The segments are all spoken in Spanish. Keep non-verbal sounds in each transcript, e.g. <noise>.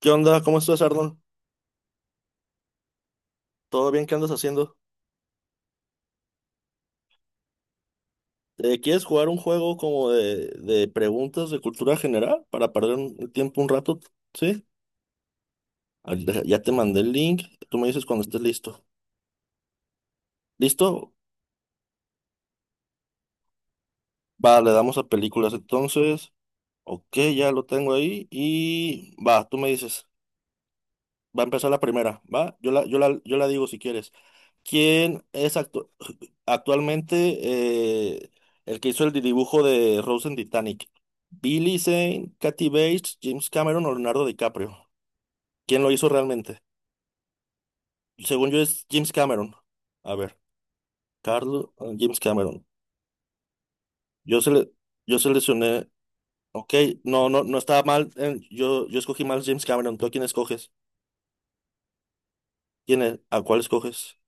¿Qué onda? ¿Cómo estás, Arnold? ¿Todo bien? ¿Qué andas haciendo? ¿Quieres jugar un juego como de preguntas de cultura general para perder el tiempo un rato? ¿Sí? Ah, Ya te mandé el link. Tú me dices cuando estés listo. ¿Listo? Va, le damos a películas entonces. Ok, ya lo tengo ahí. Y va, tú me dices. Va a empezar la primera. Va, yo la digo si quieres. ¿Quién es actualmente eh, el que hizo el dibujo de Rose en Titanic? ¿Billy Zane, Kathy Bates, James Cameron o Leonardo DiCaprio? ¿Quién lo hizo realmente? Según yo es James Cameron. A ver, Carlos, James Cameron. Yo, sele- yo seleccioné, ok, no, no, no estaba mal. Yo escogí mal James Cameron. ¿Tú a quién escoges? ¿Quién es? ¿A cuál escoges?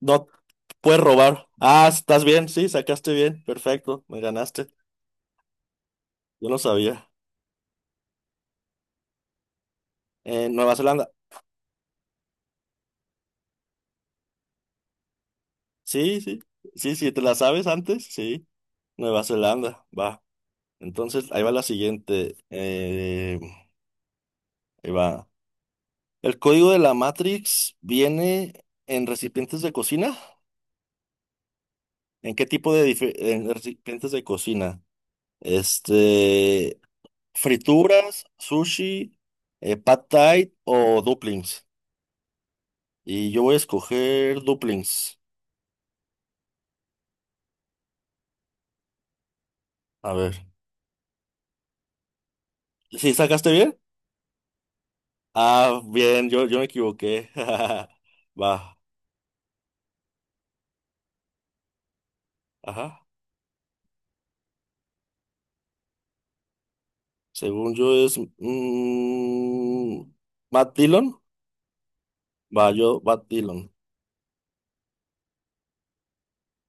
No, puedes robar. Ah, estás bien, sí, sacaste bien. Perfecto, me ganaste. Yo no sabía. En Nueva Zelanda. Sí, sí. Sí, sí, te la sabes antes. Sí. Nueva Zelanda. Va. Entonces, ahí va la siguiente. Ahí va. ¿El código de la Matrix viene en recipientes de cocina? ¿En qué tipo de dife- En recipientes de cocina. Este, frituras, sushi, pad thai o dumplings. Y yo voy a escoger dumplings. A ver. ¿Sí sacaste bien? Ah, bien, yo me equivoqué. <laughs> Va. Ajá. Según yo es Matt Dillon. Va, yo, Matt Dillon.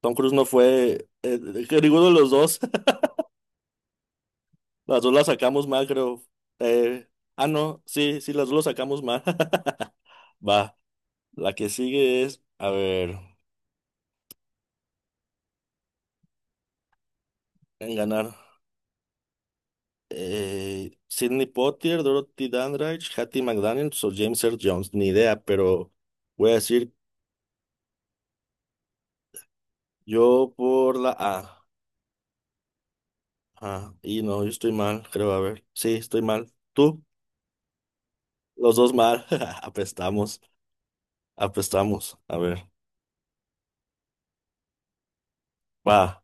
Tom Cruise no fue. Que ninguno de los dos. <laughs> Las dos las sacamos mal, creo. Eh, no. Sí, sí, las dos las sacamos mal. <laughs> Va. La que sigue es. A ver. En ganar. Sidney Poitier, Dorothy Dandridge, Hattie McDaniels o James Earl Jones. Ni idea, pero voy a decir yo por la A. Ah, y no, yo estoy mal, creo. A ver. Sí, estoy mal. ¿Tú? Los dos mal. <laughs> Apestamos, apestamos. A ver, va,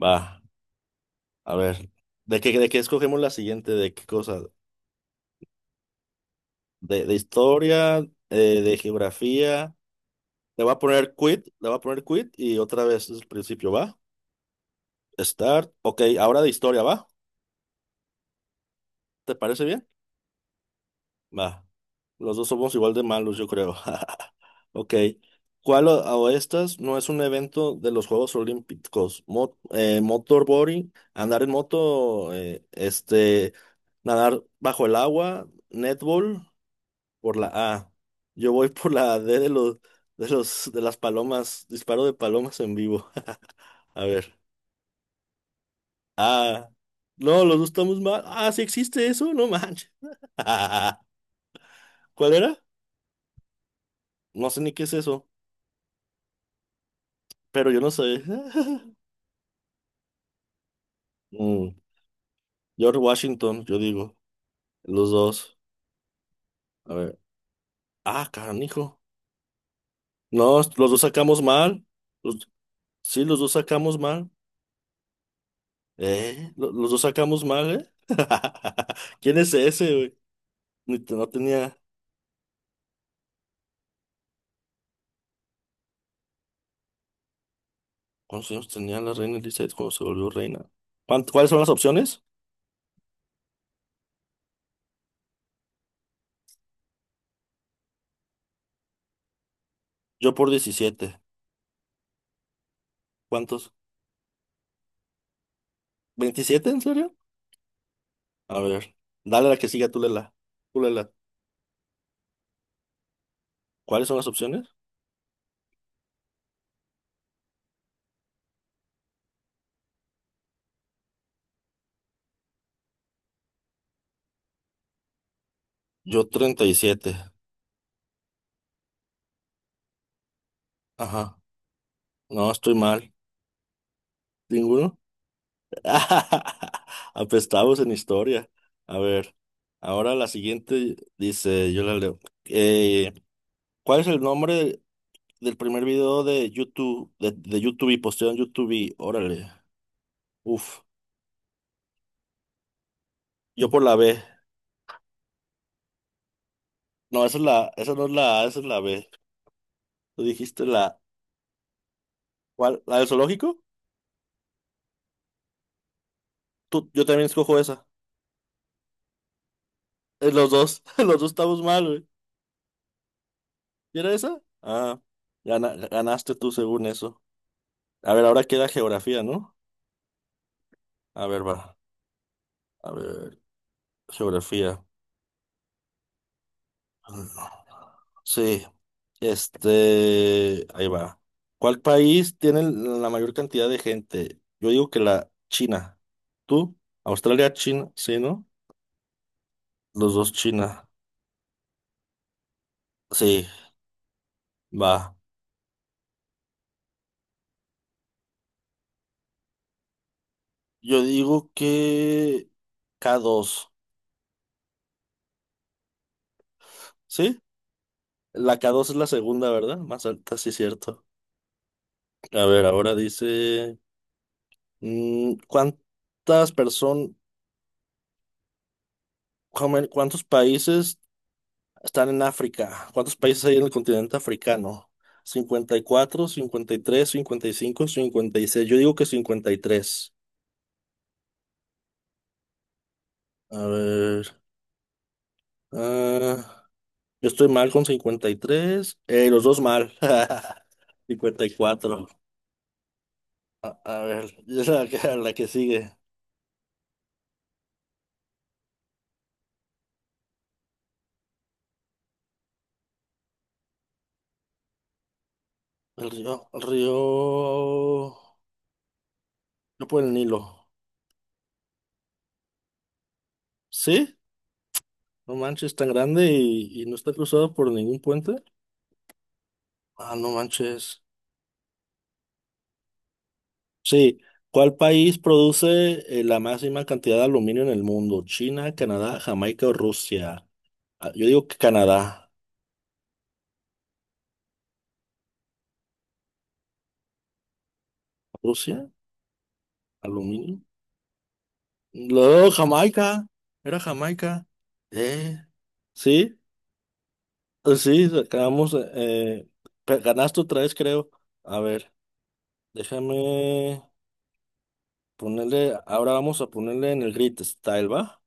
va. A ver, ¿de qué escogemos la siguiente? ¿De qué cosa? ¿De historia? ¿De geografía? Le voy a poner quit, le voy a poner quit y otra vez desde el principio, ¿va? Start. Ok, ahora de historia, ¿va? ¿Te parece bien? Va. Los dos somos igual de malos, yo creo. <laughs> Ok. ¿Cuál o estas no es un evento de los Juegos Olímpicos? Motorboarding, andar en moto, este. Nadar bajo el agua, netball, por la A. Yo voy por la D de las palomas, disparo de palomas en vivo. <laughs> A ver. Ah. No, los dos estamos mal. Ah, sí existe eso, no manches. <laughs> ¿Cuál era? No sé ni qué es eso, pero yo no sé. <laughs> Mm, George Washington, yo digo. Los dos. A ver. Ah, canijo. No, los dos sacamos mal. Los- sí, los dos sacamos mal. ¿Eh? Lo- Los dos sacamos mal, ¿eh? <laughs> ¿Quién es ese, güey? Ni te- No tenía. ¿Cuántos años tenía la reina Elizabeth cuando se volvió reina? ¿Cuáles son las opciones? Yo por 17. ¿Cuántos? ¿27, en serio? A ver. Dale la que siga, tú lela. Tú lela. ¿Cuáles son las opciones? Yo 37. Ajá. No, estoy mal. ¿Ninguno? <laughs> Apestados en historia. A ver. Ahora la siguiente dice, yo la leo. Eh, ¿Cuál es el nombre del primer video de YouTube y posteo en YouTube y órale? Uf. Yo por la B. No, esa es la, esa no es la A, esa es la B. Tú dijiste la. ¿Cuál? ¿La del zoológico? Tú, yo también escojo esa. Los dos, <laughs> los dos estamos mal, güey. ¿Y era esa? Ah, ganaste tú según eso. A ver, ahora queda geografía, ¿no? A ver, va. A ver, geografía. Mm, sí. Este, ahí va. ¿Cuál país tiene la mayor cantidad de gente? Yo digo que la China. ¿Tú? Australia, China, sí, ¿no? Los dos China. Sí, va. Yo digo que k dos. ¿Sí? La k dos es la segunda, ¿verdad? Más alta, sí, cierto. A ver, ahora dice, mm, ¿cuántas personas, cuántos países están en África? ¿Cuántos países hay en el continente africano? 54, 56. Yo digo que 53. A ver. Ah, yo estoy mal con 53. Los dos mal. <laughs> 54. A ver. <laughs> Y es la que, la que sigue. El río. El río. No, por el Nilo. ¿Sí? No manches, tan grande y no está cruzado por ningún puente. Ah, no manches. Sí, ¿cuál país produce la máxima cantidad de aluminio en el mundo? ¿China, Canadá, Jamaica o Rusia? Ah, yo digo que Canadá. ¿Rusia? ¿Aluminio? Luego Jamaica. Era Jamaica. Eh, sí, sí, acabamos. Ganaste otra vez, creo. A ver, déjame ponerle. Ahora vamos a ponerle en el grid style, ¿va?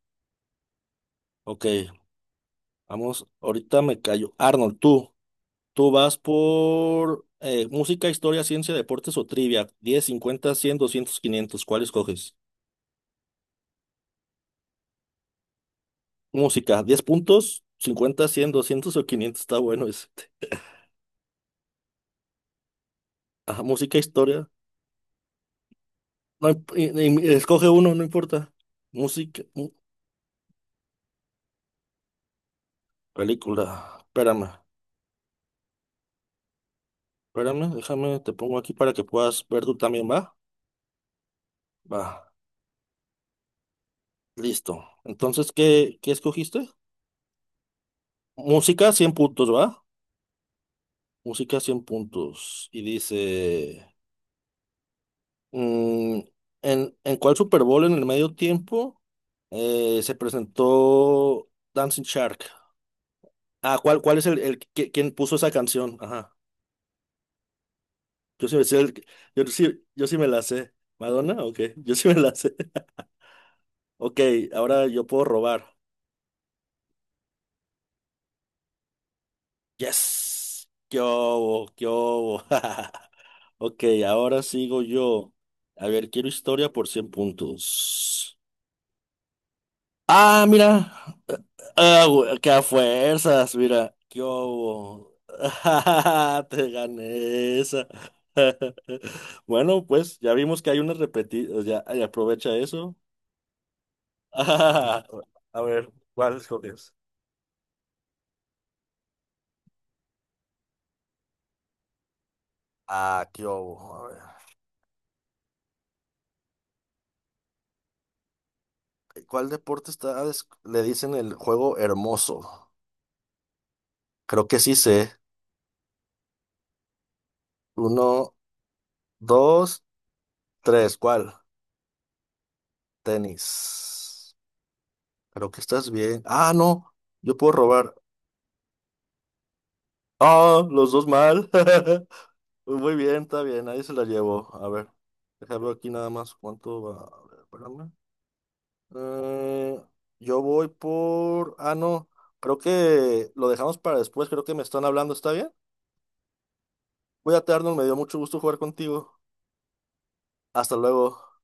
Ok, vamos. Ahorita me callo. Arnold, tú. Tú vas por música, historia, ciencia, deportes o trivia. 10, 50, 100, 200, 500. ¿Cuál escoges? Música, 10 puntos, 50, 100, 200 o 500. Está bueno ese. <laughs> Ajá, música, historia. No, escoge uno, no importa. Música, película. Espérame, espérame, déjame, te pongo aquí para que puedas ver tú también, ¿va? Va, listo. Entonces, ¿qué, qué escogiste? Música, 100 puntos, ¿va? Música, 100 puntos. Y dice... Mm, ¿en cuál Super Bowl en el medio tiempo se presentó Dancing Shark? Ah, ¿cuál es quién puso esa canción? Ajá. Yo sí me sé el- yo sí me la sé. ¿Madonna? Ok, <laughs> yo sí me la sé. <laughs> Ok, ahora yo puedo robar. Yes. ¿Qué hubo? ¿Qué hubo? <laughs> Ok, ahora sigo yo. A ver, quiero historia por 100 puntos. Ah, mira. Ah, güey, que a fuerzas, mira, yo <laughs> te gané esa. <laughs> Bueno, pues ya vimos que hay unas repetidas, ya, ay, aprovecha eso. <laughs> A ver, ¿cuál escoges? Ah, qué hubo. A ver, ¿cuál deporte le dicen el juego hermoso? Creo que sí sé. Uno, dos, tres. ¿Cuál? Tenis. Creo que estás bien. Ah, no. Yo puedo robar. Ah, los dos mal. <laughs> Pues muy bien, está bien, ahí se la llevo. A ver, déjame ver aquí nada más cuánto va. A ver, espérame. Eh, yo voy por... Ah, no, creo que lo dejamos para después, creo que me están hablando, ¿está bien? Cuídate, Arnold, me dio mucho gusto jugar contigo. Hasta luego.